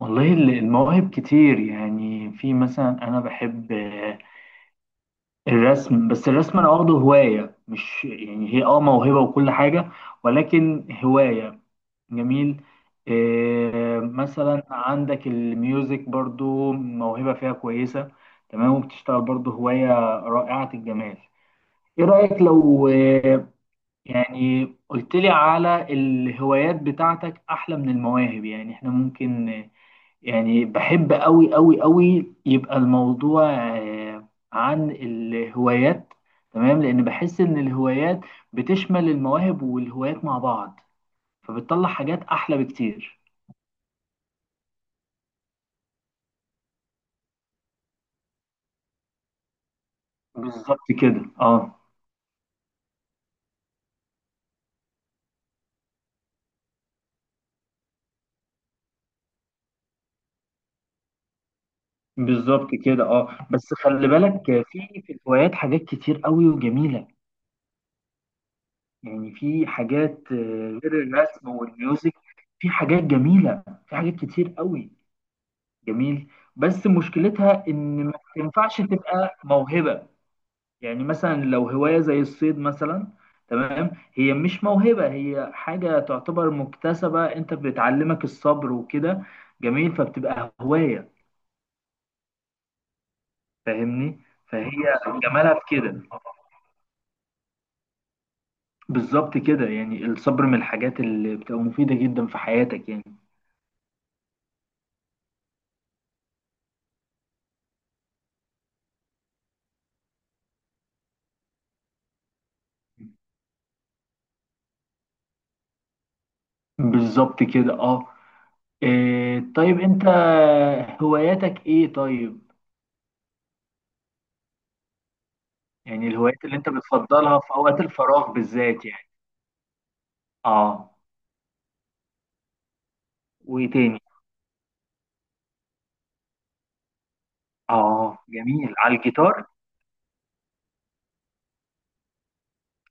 والله المواهب كتير، يعني في مثلا انا بحب الرسم. بس الرسم انا واخده هواية، مش يعني هي موهبة وكل حاجة، ولكن هواية. جميل. مثلا عندك الميوزك برضو موهبة فيها كويسة. تمام، وبتشتغل برضو هواية رائعة الجمال. ايه رأيك لو يعني قلت لي على الهوايات بتاعتك احلى من المواهب؟ يعني احنا ممكن، يعني بحب قوي قوي قوي، يبقى الموضوع عن الهوايات. تمام، لان بحس ان الهوايات بتشمل المواهب والهوايات مع بعض، فبتطلع حاجات احلى بكتير. بالظبط كده، اه. بالظبط كده، اه، بس خلي بالك، في الهوايات حاجات كتير قوي وجميلة. يعني في حاجات غير الرسم والميوزك، في حاجات جميلة، في حاجات كتير قوي. جميل. بس مشكلتها ان ما تنفعش تبقى موهبة. يعني مثلا لو هواية زي الصيد مثلا، تمام، هي مش موهبة، هي حاجة تعتبر مكتسبة، انت بتعلمك الصبر وكده. جميل، فبتبقى هواية. فاهمني؟ فهي جمالها في كده. بالظبط كده، يعني الصبر من الحاجات اللي بتبقى مفيدة جدا في حياتك يعني. بالظبط كده، اه. إيه طيب، انت هواياتك ايه طيب؟ يعني الهوايات اللي انت بتفضلها في اوقات الفراغ بالذات يعني. اه. وايه تاني؟ اه جميل، على الجيتار.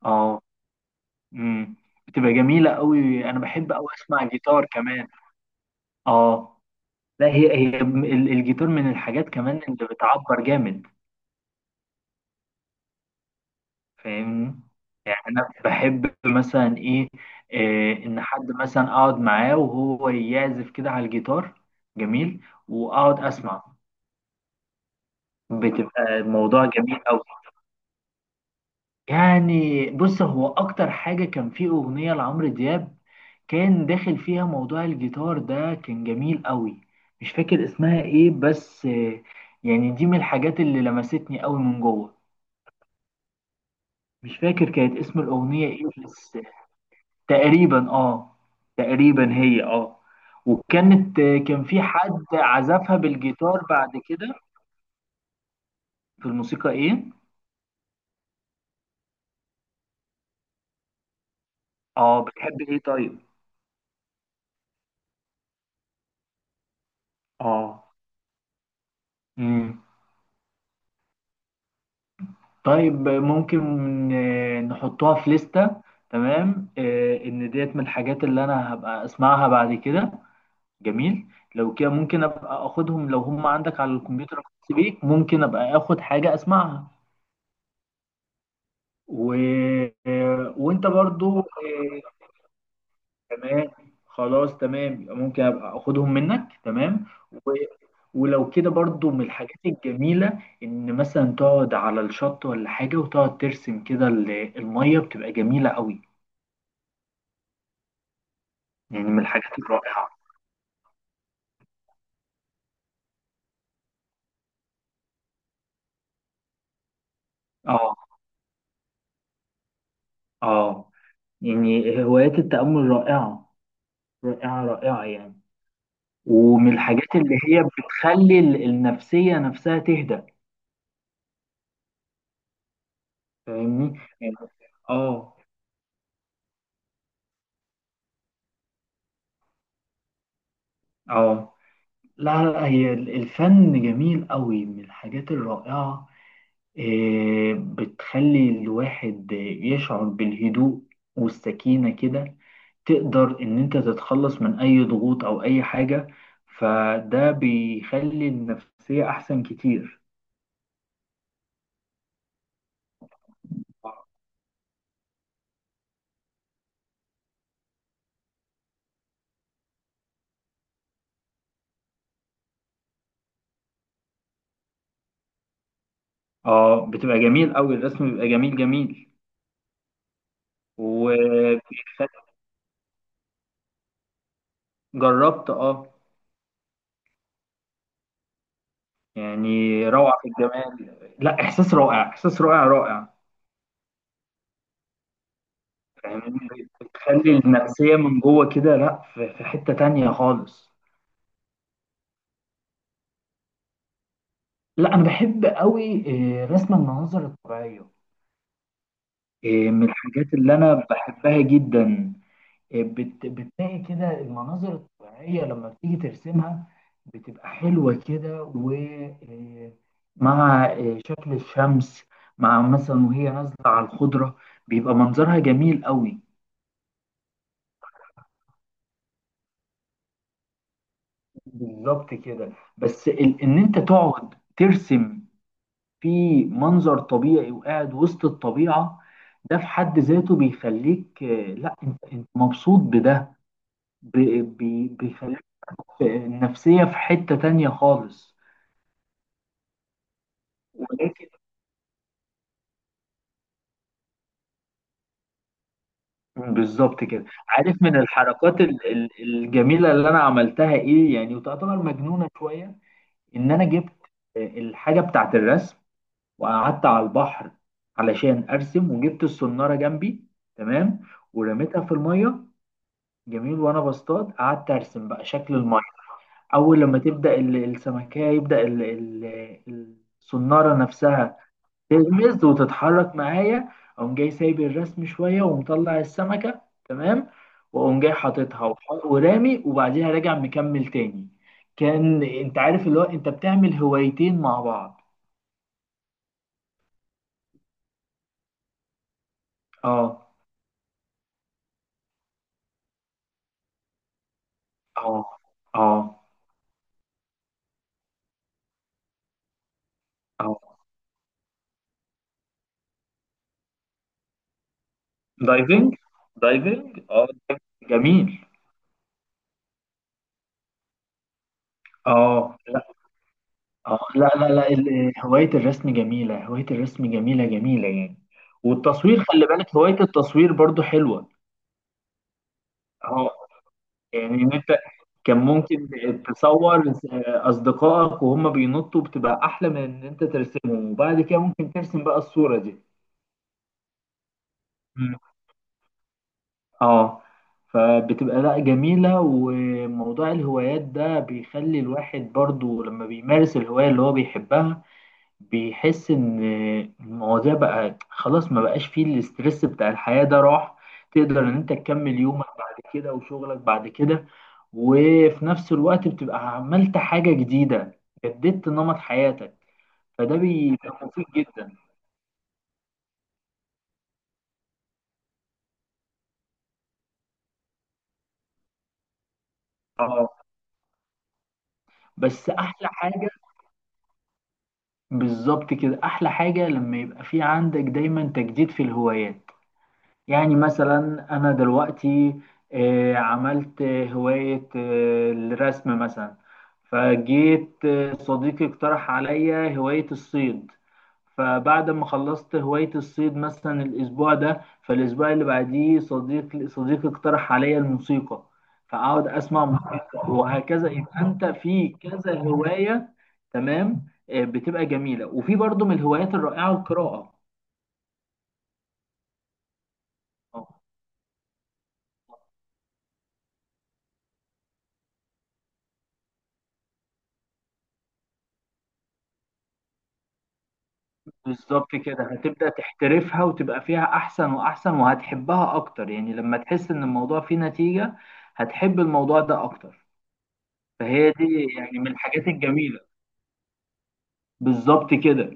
اه. امم بتبقى جميلة قوي، انا بحب قوي اسمع جيتار كمان. اه. لا، هي الجيتار من الحاجات كمان اللي بتعبر جامد. فاهمني؟ يعني انا بحب مثلا ايه، ان حد مثلا اقعد معاه وهو يعزف كده على الجيتار، جميل، واقعد اسمع. بتبقى الموضوع جميل قوي. يعني بص، هو اكتر حاجة كان فيه اغنية لعمرو دياب كان داخل فيها موضوع الجيتار ده، كان جميل قوي. مش فاكر اسمها ايه بس، يعني دي من الحاجات اللي لمستني قوي من جوه. مش فاكر كانت اسم الاغنية ايه، بس تقريبا اه، تقريبا هي اه. وكانت كان في حد عزفها بالجيتار بعد كده. في الموسيقى ايه؟ اه، بتحب ايه طيب؟ اه. امم طيب ممكن نحطها في لستة، تمام، ان ديت من الحاجات اللي انا هبقى اسمعها بعد كده. جميل. لو كده ممكن ابقى اخدهم، لو هم عندك على الكمبيوتر الخاص بيك ممكن ابقى اخد حاجة اسمعها. و... آه، وانت برضو آه، تمام، خلاص، تمام، يبقى ممكن ابقى اخدهم منك. تمام. و... ولو كده برضو من الحاجات الجميلة، ان مثلا تقعد على الشط ولا حاجة وتقعد ترسم كده المية، بتبقى جميلة قوي. يعني من الحاجات الرائعة. اه. اه. يعني هوايات التأمل رائعة، رائعة رائعة يعني. ومن الحاجات اللي هي بتخلي النفسية نفسها تهدأ. فاهمني يعني. اه. اه. لا لا، هي الفن جميل قوي، من الحاجات الرائعة. إيه، بتخلي الواحد يشعر بالهدوء والسكينة كده. تقدر إن أنت تتخلص من أي ضغوط أو أي حاجة، فده بيخلي النفسية أحسن كتير. اه بتبقى جميل قوي، الرسم بيبقى جميل جميل. وجربت، اه، يعني روعة في الجمال. لا، إحساس رائع، إحساس رائع رائع. فاهمني؟ بتخلي النفسية من جوه كده، لا، في حتة تانية خالص. لا أنا بحب قوي رسم المناظر الطبيعية، من الحاجات اللي أنا بحبها جدا. بتلاقي كده المناظر الطبيعية لما بتيجي ترسمها بتبقى حلوة كده، ومع شكل الشمس مع مثلا وهي نازلة على الخضرة بيبقى منظرها جميل قوي. بالظبط كده. بس ان انت تقعد ترسم في منظر طبيعي وقاعد وسط الطبيعة، ده في حد ذاته بيخليك، آه، لا انت مبسوط بده. بيخليك النفسية في حتة تانية خالص. ولكن بالظبط كده. عارف من الحركات الجميلة اللي انا عملتها ايه يعني؟ وتعتبر مجنونة شوية. ان انا جبت الحاجة بتاعت الرسم، وقعدت على البحر علشان ارسم، وجبت الصنارة جنبي، تمام، ورميتها في المية. جميل، وانا بصطاد قعدت ارسم بقى شكل الميه. اول لما تبدا السمكيه يبدا الصناره نفسها تغمز وتتحرك معايا، اقوم جاي سايب الرسم شويه ومطلع السمكه، تمام، واقوم جاي حاططها ورامي، وبعديها راجع مكمل تاني. كان انت عارف اللي هو انت بتعمل هوايتين مع بعض. اه. اه. اه. اه. دايفنج، دايفنج اه. جميل. اه. اه، لا لا لا، هواية الرسم جميلة، هواية الرسم جميلة جميلة يعني. والتصوير، خلي بالك هواية التصوير برضو حلوة. اه، يعني ان انت كان ممكن تصور اصدقائك وهم بينطوا بتبقى احلى من ان انت ترسمهم، وبعد كده ممكن ترسم بقى الصورة دي. مم. اه. فبتبقى لا جميلة، وموضوع الهوايات ده بيخلي الواحد برضو لما بيمارس الهواية اللي هو بيحبها بيحس ان المواضيع بقى خلاص ما بقاش فيه الاسترس بتاع الحياة، ده راح. تقدر ان انت تكمل يومك بعد كده وشغلك بعد كده، وفي نفس الوقت بتبقى عملت حاجة جديدة، جددت نمط حياتك، فده بيبقى مفيد جدا. اه، بس احلى حاجة، بالظبط كده، احلى حاجة لما يبقى في عندك دايما تجديد في الهوايات. يعني مثلا أنا دلوقتي عملت هواية الرسم مثلا، فجيت صديقي اقترح عليا هواية الصيد، فبعد ما خلصت هواية الصيد مثلا الأسبوع ده، فالأسبوع اللي بعديه صديقي اقترح عليا الموسيقى، فأقعد أسمع موسيقى وهكذا، يبقى أنت في كذا هواية. تمام، بتبقى جميلة، وفي برضو من الهوايات الرائعة القراءة. بالظبط كده، هتبدأ تحترفها وتبقى فيها أحسن وأحسن وهتحبها أكتر، يعني لما تحس إن الموضوع فيه نتيجة هتحب الموضوع ده أكتر. فهي دي يعني من الحاجات الجميلة. بالظبط كده،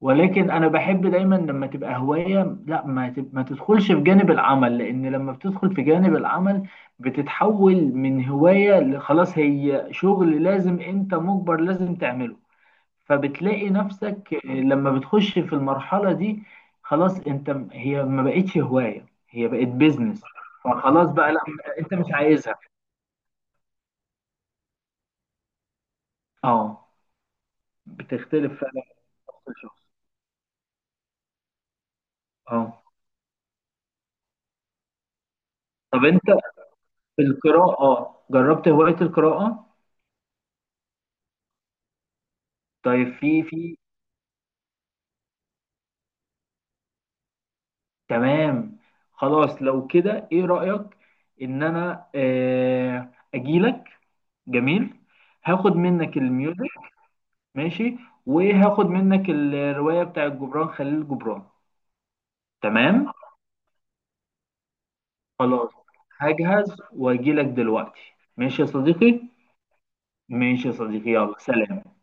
ولكن أنا بحب دايما لما تبقى هواية لا ما تب... ما تدخلش في جانب العمل، لأن لما بتدخل في جانب العمل بتتحول من هواية لخلاص هي شغل لازم أنت مجبر لازم تعمله، فبتلاقي نفسك لما بتخش في المرحلة دي خلاص انت، هي ما بقتش هواية، هي بقت بيزنس، فخلاص بقى لا، انت مش عايزها. اه، بتختلف فعلا من شخص لشخص. اه طب انت في القراءة، اه جربت هواية القراءة؟ طيب في تمام، خلاص لو كده ايه رأيك ان انا اجيلك؟ جميل، هاخد منك الميوزك. ماشي، وهاخد منك الرواية بتاع جبران خليل جبران. تمام، خلاص، هجهز واجيلك دلوقتي. ماشي يا صديقي، ماشي يا صديقي، يلا سلام.